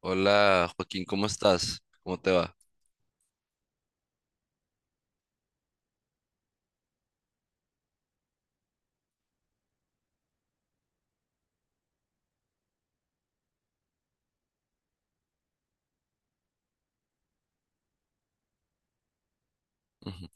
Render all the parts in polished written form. Hola Joaquín, ¿cómo estás? ¿Cómo te va? Ujú.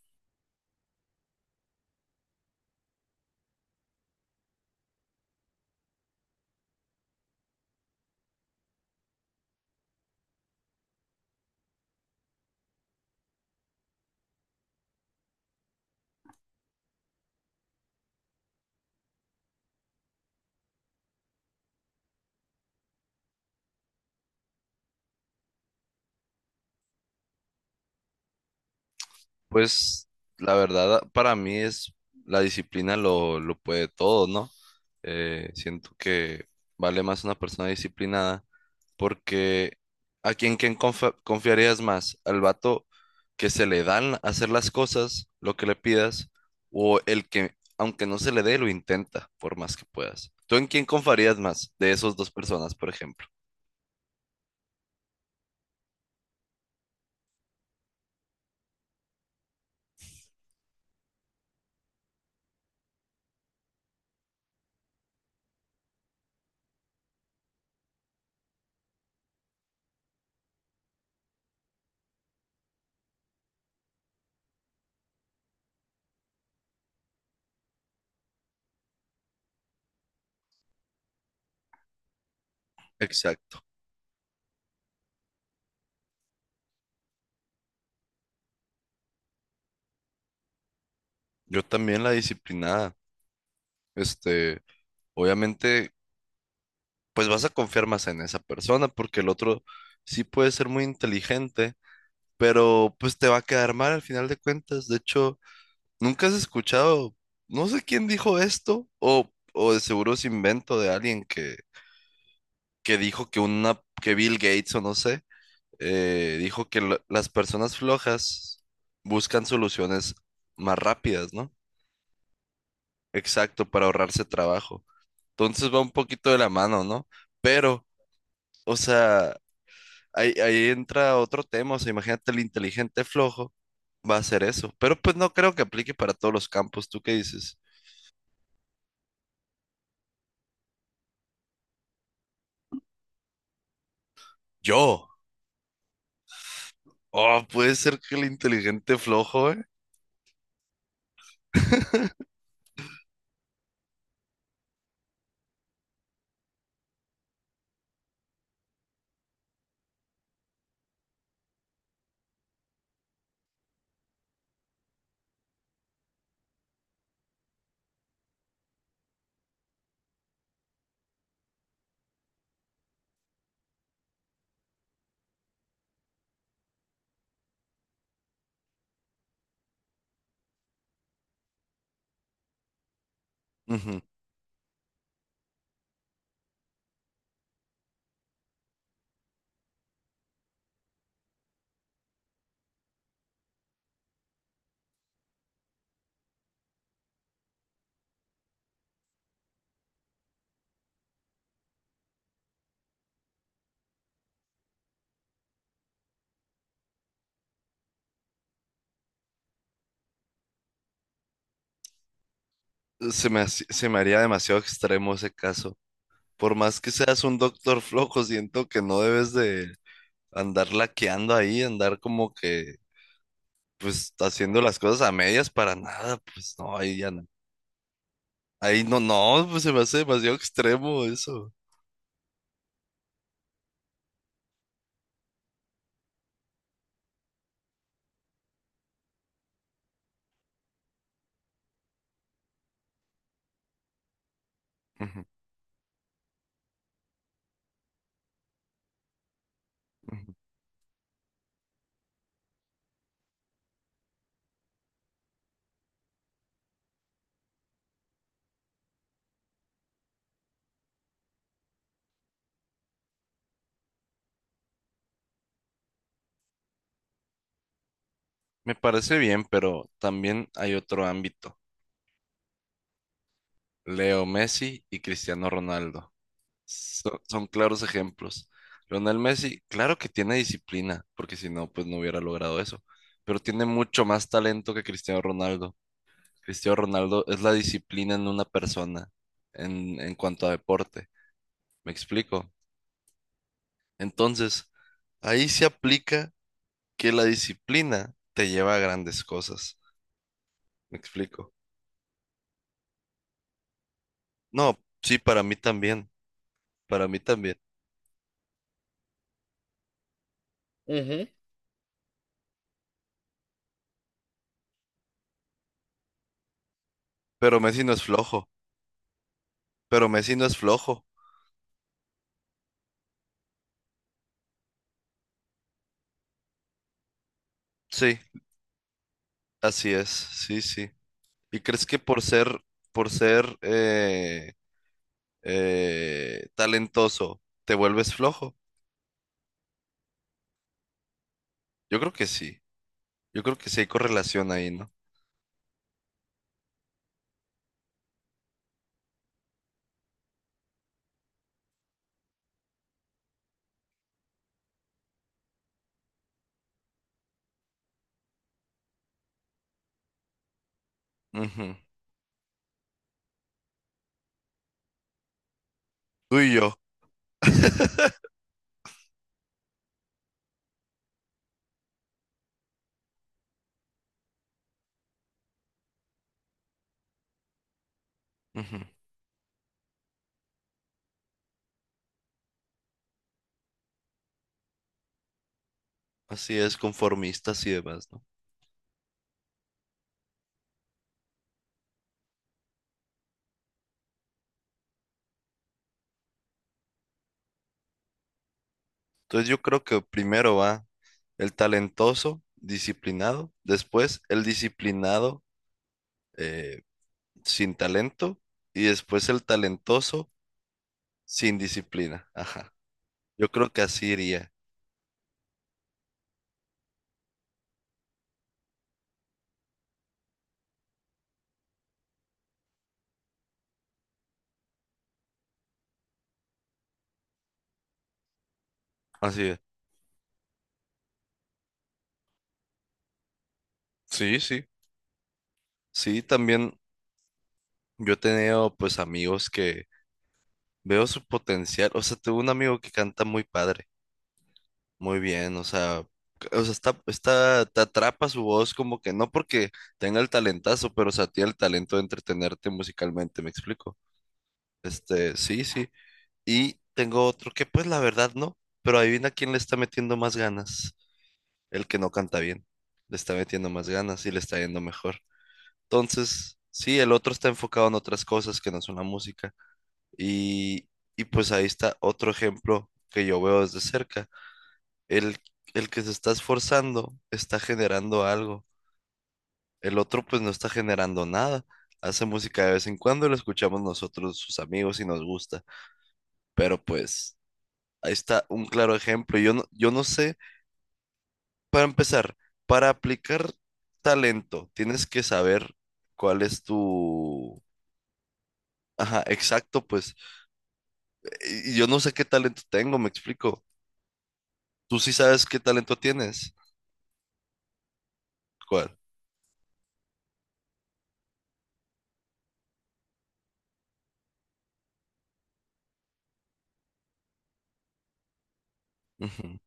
Pues la verdad para mí es la disciplina lo puede todo, ¿no? Siento que vale más una persona disciplinada porque ¿a confiarías más? ¿Al vato que se le dan hacer las cosas, lo que le pidas, o el que aunque no se le dé, lo intenta por más que puedas? ¿Tú en quién confiarías más de esas dos personas, por ejemplo? Exacto. Yo también la disciplinada. este, Obviamente, pues vas a confiar más en esa persona porque el otro sí puede ser muy inteligente, pero pues te va a quedar mal al final de cuentas. De hecho, ¿nunca has escuchado? No sé quién dijo esto, o de seguro es invento de alguien que dijo que una, que Bill Gates o no sé, dijo que las personas flojas buscan soluciones más rápidas, ¿no? Exacto, para ahorrarse trabajo. Entonces va un poquito de la mano, ¿no? Pero o sea, ahí entra otro tema. O sea, imagínate el inteligente flojo va a hacer eso. Pero pues no creo que aplique para todos los campos. ¿Tú qué dices? Yo. Oh, puede ser que el inteligente flojo, ¿eh? Ujú. Se me haría demasiado extremo ese caso. Por más que seas un doctor flojo, siento que no debes de andar laqueando ahí, andar como que, pues, haciendo las cosas a medias para nada. Pues no, ahí ya no. Ahí no, no, pues se me hace demasiado extremo eso. Ujú, ujú. Me parece bien, pero también hay otro ámbito. Leo Messi y Cristiano Ronaldo. Son claros ejemplos. Lionel Messi, claro que tiene disciplina, porque si no, pues no hubiera logrado eso. Pero tiene mucho más talento que Cristiano Ronaldo. Cristiano Ronaldo es la disciplina en una persona en cuanto a deporte. ¿Me explico? Entonces, ahí se aplica que la disciplina te lleva a grandes cosas. ¿Me explico? No, sí, para mí también, para mí también. Ujú. Pero Messi no es flojo, pero Messi no es flojo. Sí, así es, sí, sí. ¿Y crees que por ser talentoso te vuelves flojo? Yo creo que sí, yo creo que sí hay correlación ahí, ¿no? Ujú. Tú y yo, ujú. Así es, conformistas y demás, ¿no? Entonces yo creo que primero va el talentoso, disciplinado, después el disciplinado eh, sin talento y después el talentoso sin disciplina. Ajá. Yo creo que así iría. Así es. Sí, sí. Sí, también yo he tenido pues amigos que veo su potencial. O sea, tengo un amigo que canta muy padre. Muy bien, o sea, o sea, te atrapa su voz como que no porque tenga el talentazo, pero o sea, tiene el talento de entretenerte musicalmente, ¿me explico? Este, sí, sí. Y tengo otro que pues la verdad no, pero adivina quién le está metiendo más ganas, el que no canta bien, le está metiendo más ganas y le está yendo mejor. Entonces, sí, el otro está enfocado en otras cosas que no son la música. Y, y pues ahí está otro ejemplo que yo veo desde cerca. El, el que se está esforzando está generando algo. El otro pues no está generando nada. Hace música de vez en cuando, lo escuchamos nosotros, sus amigos, y nos gusta. Pero pues ahí está un claro ejemplo. Yo no sé, para empezar, para aplicar talento, tienes que saber cuál es tu... Ajá, exacto, pues. Yo no sé qué talento tengo, me explico. Tú sí sabes qué talento tienes. ¿Cuál? Ujú.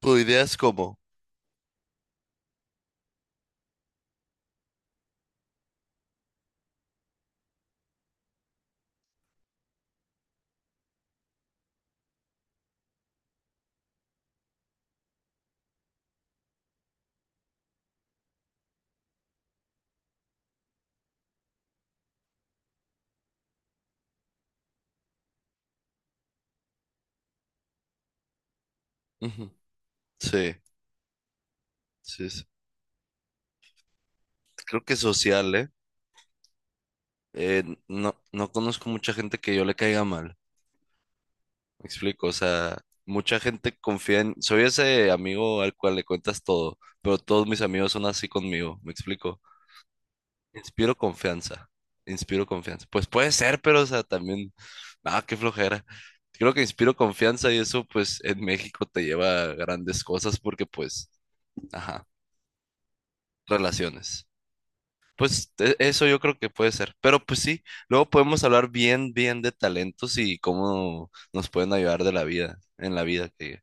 Tu idea es cómo. Ujú. Sí, sí, sí. Creo que social, ¿eh? No, no conozco mucha gente que yo le caiga mal. Me explico, o sea, mucha gente confía en... Soy ese amigo al cual le cuentas todo, pero todos mis amigos son así conmigo. Me explico. Inspiro confianza. Inspiro confianza. Pues puede ser, pero, o sea, también... Ah, qué flojera. Creo que inspiro confianza y eso, pues, en México te lleva a grandes cosas porque, pues, ajá, relaciones. Pues eso yo creo que puede ser. Pero pues sí, luego podemos hablar bien, bien de talentos y cómo nos pueden ayudar de la vida, en la vida que